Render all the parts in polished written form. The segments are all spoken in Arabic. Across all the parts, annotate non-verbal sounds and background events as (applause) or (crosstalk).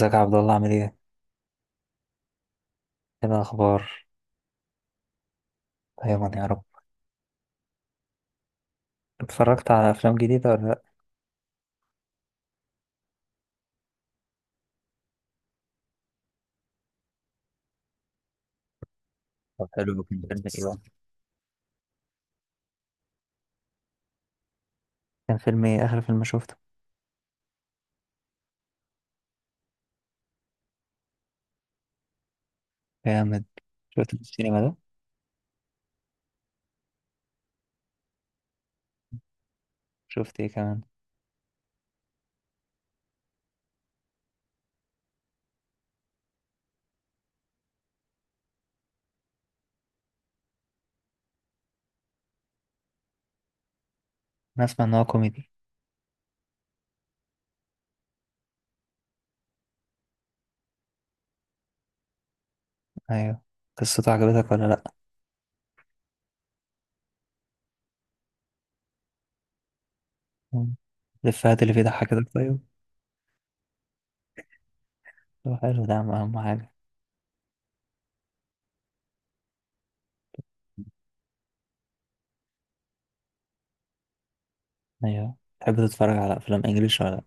ازيك يا عبد الله عامل ايه؟ ايه الأخبار؟ دايما يا رب. اتفرجت على أفلام جديدة ولا لأ؟ طب حلو كان. فيلم ايه بقى؟ كان فيلم ايه آخر فيلم شفته؟ جامد. شفت في السينما ده؟ شفت ايه كمان؟ أنا أسمع إن هو كوميدي. أيوه. قصته عجبتك ولا لأ؟ مم. الإفيهات اللي فيه ضحكتك طيب؟ طب حلو، ده أهم أهم حاجة. أيوه. تحب تتفرج على أفلام إنجليش ولا لأ؟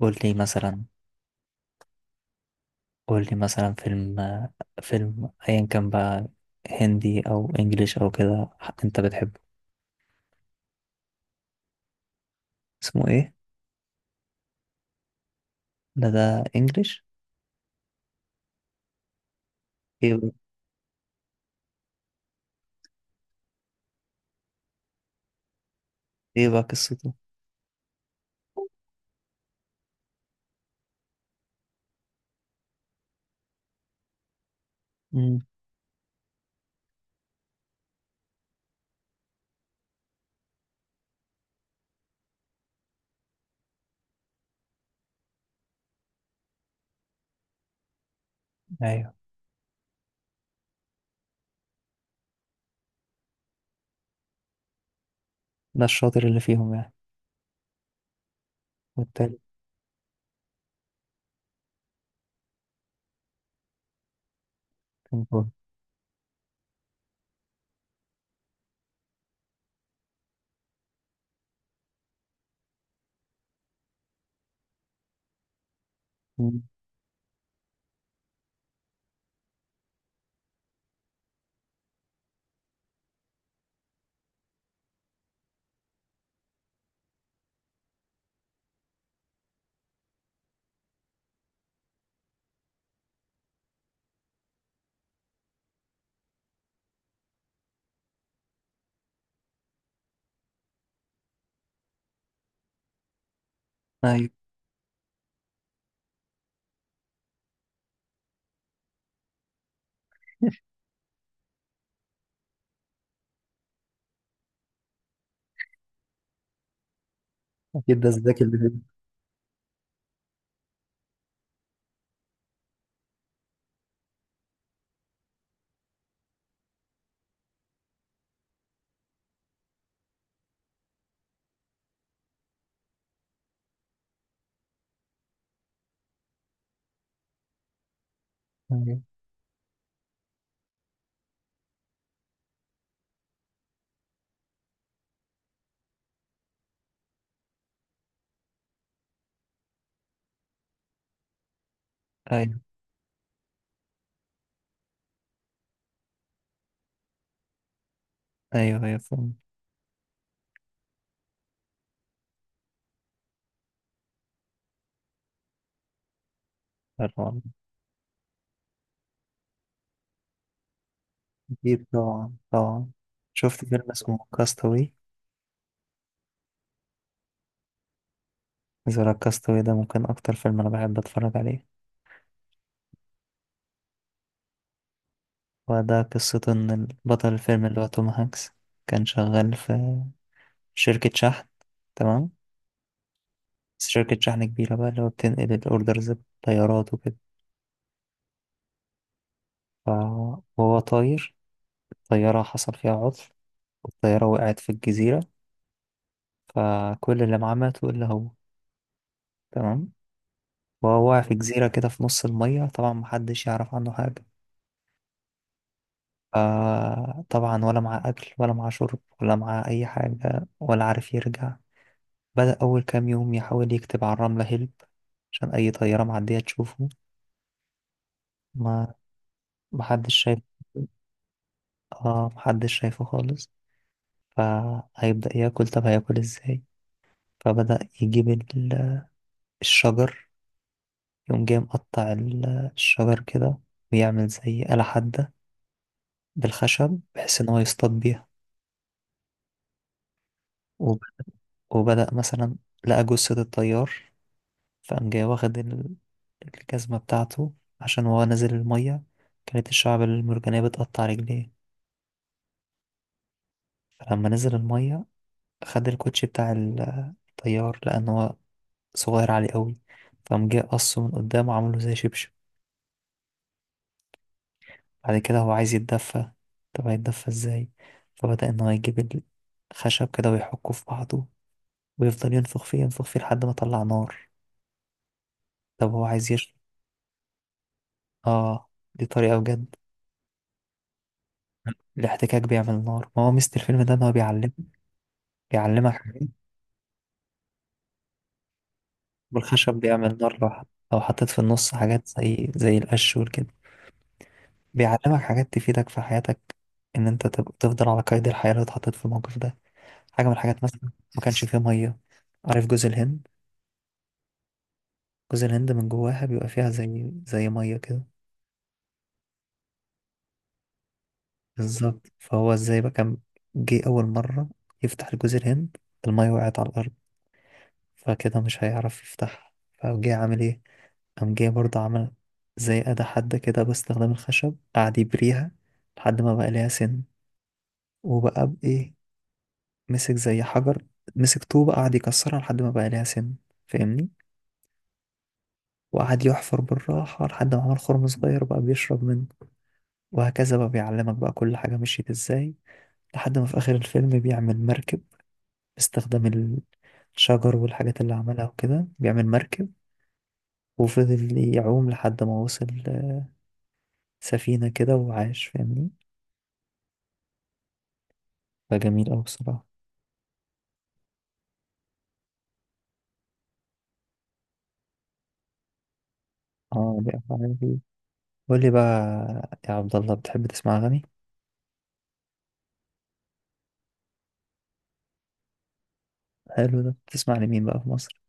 قول لي مثلا. قول لي مثلا فيلم. فيلم أيا كان بقى، هندي أو إنجليش أو كده. أنت بتحبه. اسمه ايه؟ ده انجليش. ايه بقى؟ ايه بقى قصته؟ امم. ايوه. ده الشاطر اللي فيهم يعني. والتالت؟ كان فاضي. أمم، ايوه. اكيد ده الذكي اللي فيهم. ايوه ايوه ايوه ايوه، فاهم. طبعا. اكيد طبعا طبعا. شفت فيلم اسمه كاستاوي؟ زرا كاستاوي ده ممكن اكتر فيلم انا بحب اتفرج عليه. وده قصته، ان بطل الفيلم اللي هو توم هانكس كان شغال في شركة شحن. تمام. بس شركة شحن كبيرة بقى، اللي هو بتنقل الاوردرز بطيارات وكده. ف- وهو طاير، طيارة حصل فيها عطل، والطيارة وقعت في الجزيرة، فكل اللي معاه ماتوا إلا هو. تمام. وهو واقع في جزيرة كده في نص المية، طبعا محدش يعرف عنه حاجة. فطبعا ولا معاه أكل ولا معاه شرب ولا معاه أي حاجة، ولا عارف يرجع. بدأ أول كام يوم يحاول يكتب على الرملة هيلب، عشان أي طيارة معدية تشوفه. ما محدش شايف. محدش شايفه خالص. فهيبدأ ياكل، طب هياكل ازاي؟ فبدأ يجيب الشجر، يقوم جاي مقطع الشجر كده، ويعمل زي آلة حادة بالخشب، بحيث إن هو يصطاد بيها. وب- وبدأ مثلا لقى جثة الطيار، فقام جاي واخد الجزمة بتاعته، عشان وهو نازل المية كانت الشعب المرجانية بتقطع رجليه. فلما نزل المية خد الكوتشي بتاع الطيار، لأن هو صغير عليه قوي، فقام جاي قصه من قدام وعمله زي شبشب. بعد كده هو عايز يتدفى، طب هيتدفى ازاي؟ فبدأ ان هو يجيب الخشب كده ويحكه في بعضه، ويفضل ينفخ فيه ينفخ فيه لحد ما طلع نار. طب هو عايز يشرب. اه دي طريقة بجد. الاحتكاك بيعمل نار، ما هو ميزة الفيلم ده ان هو بيعلم، بيعلمك حاجات. والخشب بيعمل نار لوحده لو حطيت في النص حاجات زي القش والكده. بيعلمك حاجات تفيدك في حياتك، ان انت تفضل على قيد الحياة لو اتحطيت في الموقف ده. حاجة من الحاجات مثلا، ما كانش فيه مية. عارف جوز الهند؟ جوز الهند من جواها بيبقى فيها زي ميه كده. بالظبط، فهو ازاي بقى كان جه اول مره يفتح جوز الهند، الميه وقعت على الارض، فكده مش هيعرف يفتحها. فجه عامل ايه؟ قام جه برضه عمل زي أداة حادة كده باستخدام الخشب، قعد يبريها لحد ما بقى ليها سن. وبقى بإيه؟ مسك زي حجر، مسك طوبة قعد يكسرها لحد ما بقى ليها سن، فاهمني؟ وقعد يحفر بالراحة لحد ما عمل خرم صغير بقى بيشرب منه. وهكذا بقى بيعلمك بقى كل حاجة مشيت ازاي، لحد ما في آخر الفيلم بيعمل مركب باستخدام الشجر والحاجات اللي عملها وكده، بيعمل مركب وفضل يعوم لحد ما وصل سفينة كده وعاش، فاهمني؟ فجميل أوي بصراحة. اه دي أحلى حاجة فيه. قول لي بقى يا عبد الله، بتحب تسمع أغاني؟ حلو، ده بتسمع لمين بقى في مصر؟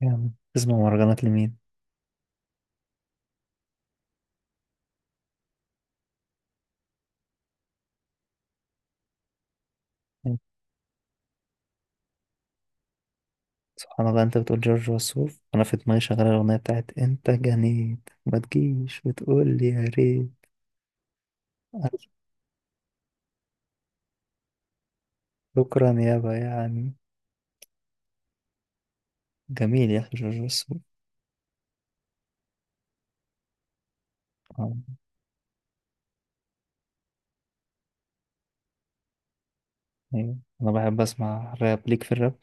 يعني بتسمع مهرجانات لمين؟ سبحان الله، انت بتقول جورج وسوف انا في دماغي شغاله الاغنيه بتاعت انت جنيت ما تجيش وتقول لي يا ريت. ألف. شكرا يابا يعني. جميل يا أخي جورج وسوف. آه، أيوة. أنا بحب أسمع راب، ليك في الراب؟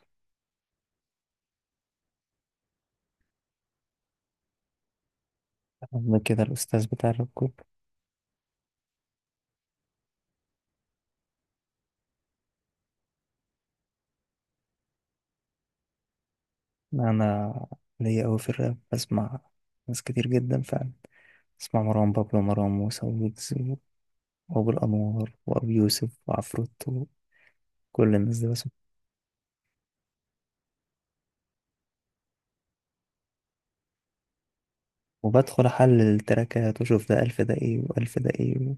أنا كده الأستاذ بتاع الراب كله. أنا ليا أوي في الراب، بسمع ناس كتير جدا فعلا. بسمع مروان بابلو ومروان موسى وويجز، وأبو الأنوار وأبي يوسف وعفروتو، كل الناس دي بسمع. وبدخل أحلل التراكات وأشوف ده ألف ده إيه وألف ده إيه،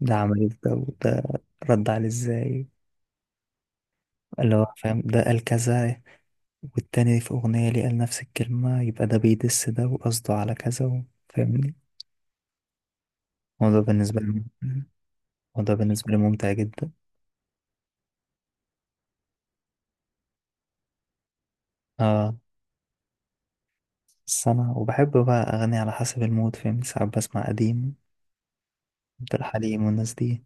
ده عمل إيه في ده، وده رد عليه إزاي، اللي هو فاهم ده قال كذا، والتاني في أغنية ليه قال نفس الكلمة، يبقى ده بيدس ده وقصده على كذا و... فاهمني؟ وده بالنسبة لي وده بالنسبة لي ممتع جدا. اه، بس أنا وبحب بقى أغني على حسب المود، فاهمني؟ ساعات بسمع قديم، عبد الحليم والناس دي.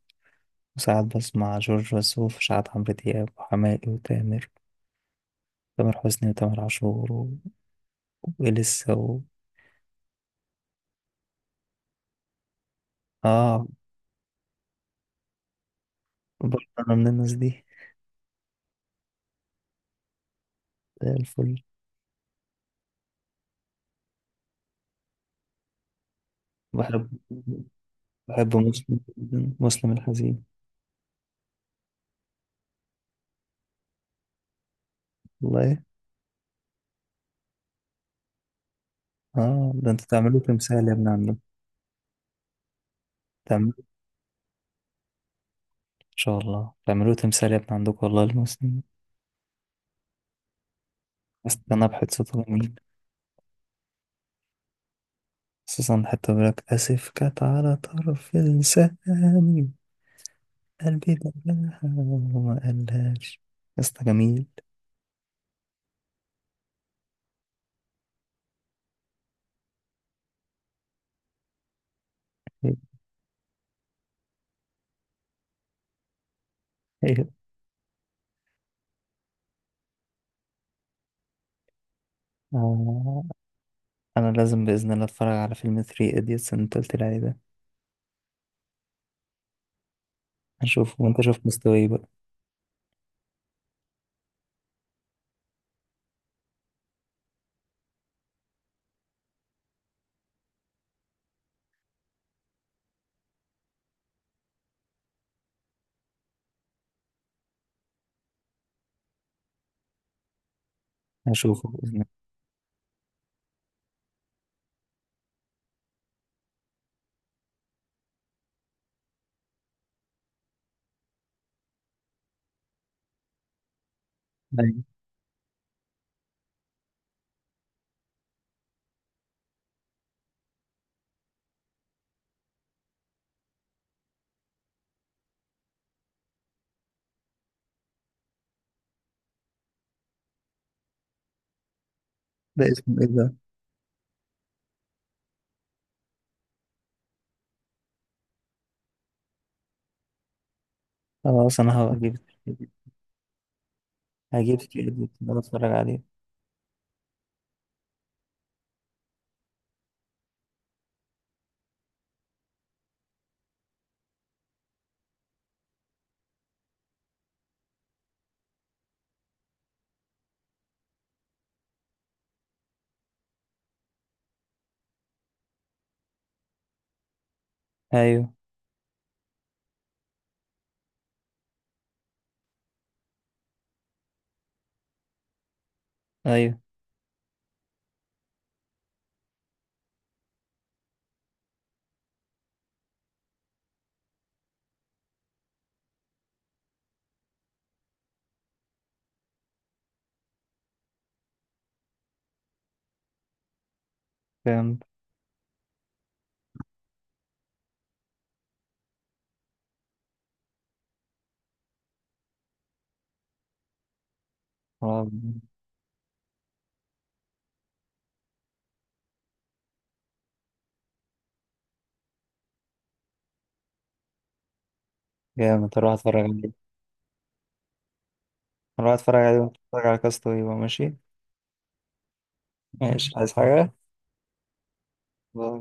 وساعات بسمع جورج وسوف، وساعات عمرو دياب وحماقي وتامر، تامر حسني وتامر عاشور و... وإليسا و... اه برضه أنا من الناس دي. زي الفل. بحب بحب مسلم جداً، مسلم الحزين. والله. اه ده انتوا تعملوا تمثال يا ابني عندكم. تعملوا ان شاء الله تعملوا تمثال يا ابني عندكم والله المسلمين. استنى بحد. جميل. خصوصا حتى بيقولك اسف كانت على طرف لساني، قلبي دقاها وما قالهاش، قصة جميل. (laughs) ايوه. آه، انا لازم باذن الله اتفرج على فيلم 3 ايديتس اللي انت قلت لي عليه ده. هشوفه وانت شوف مستواي بقى. هشوفه باذن الله. أيوة. ده اسمه ايه ده؟ خلاص انا هجيب. 3 ايديتس ده اتفرج عليه. ايوه ايوه. جامد. خلاص. جامد هروح اتفرج عليه. هروح اتفرج عليه، وانت تتفرج على كاستو يبقى ماشي. ماشي، عايز حاجة؟ باي.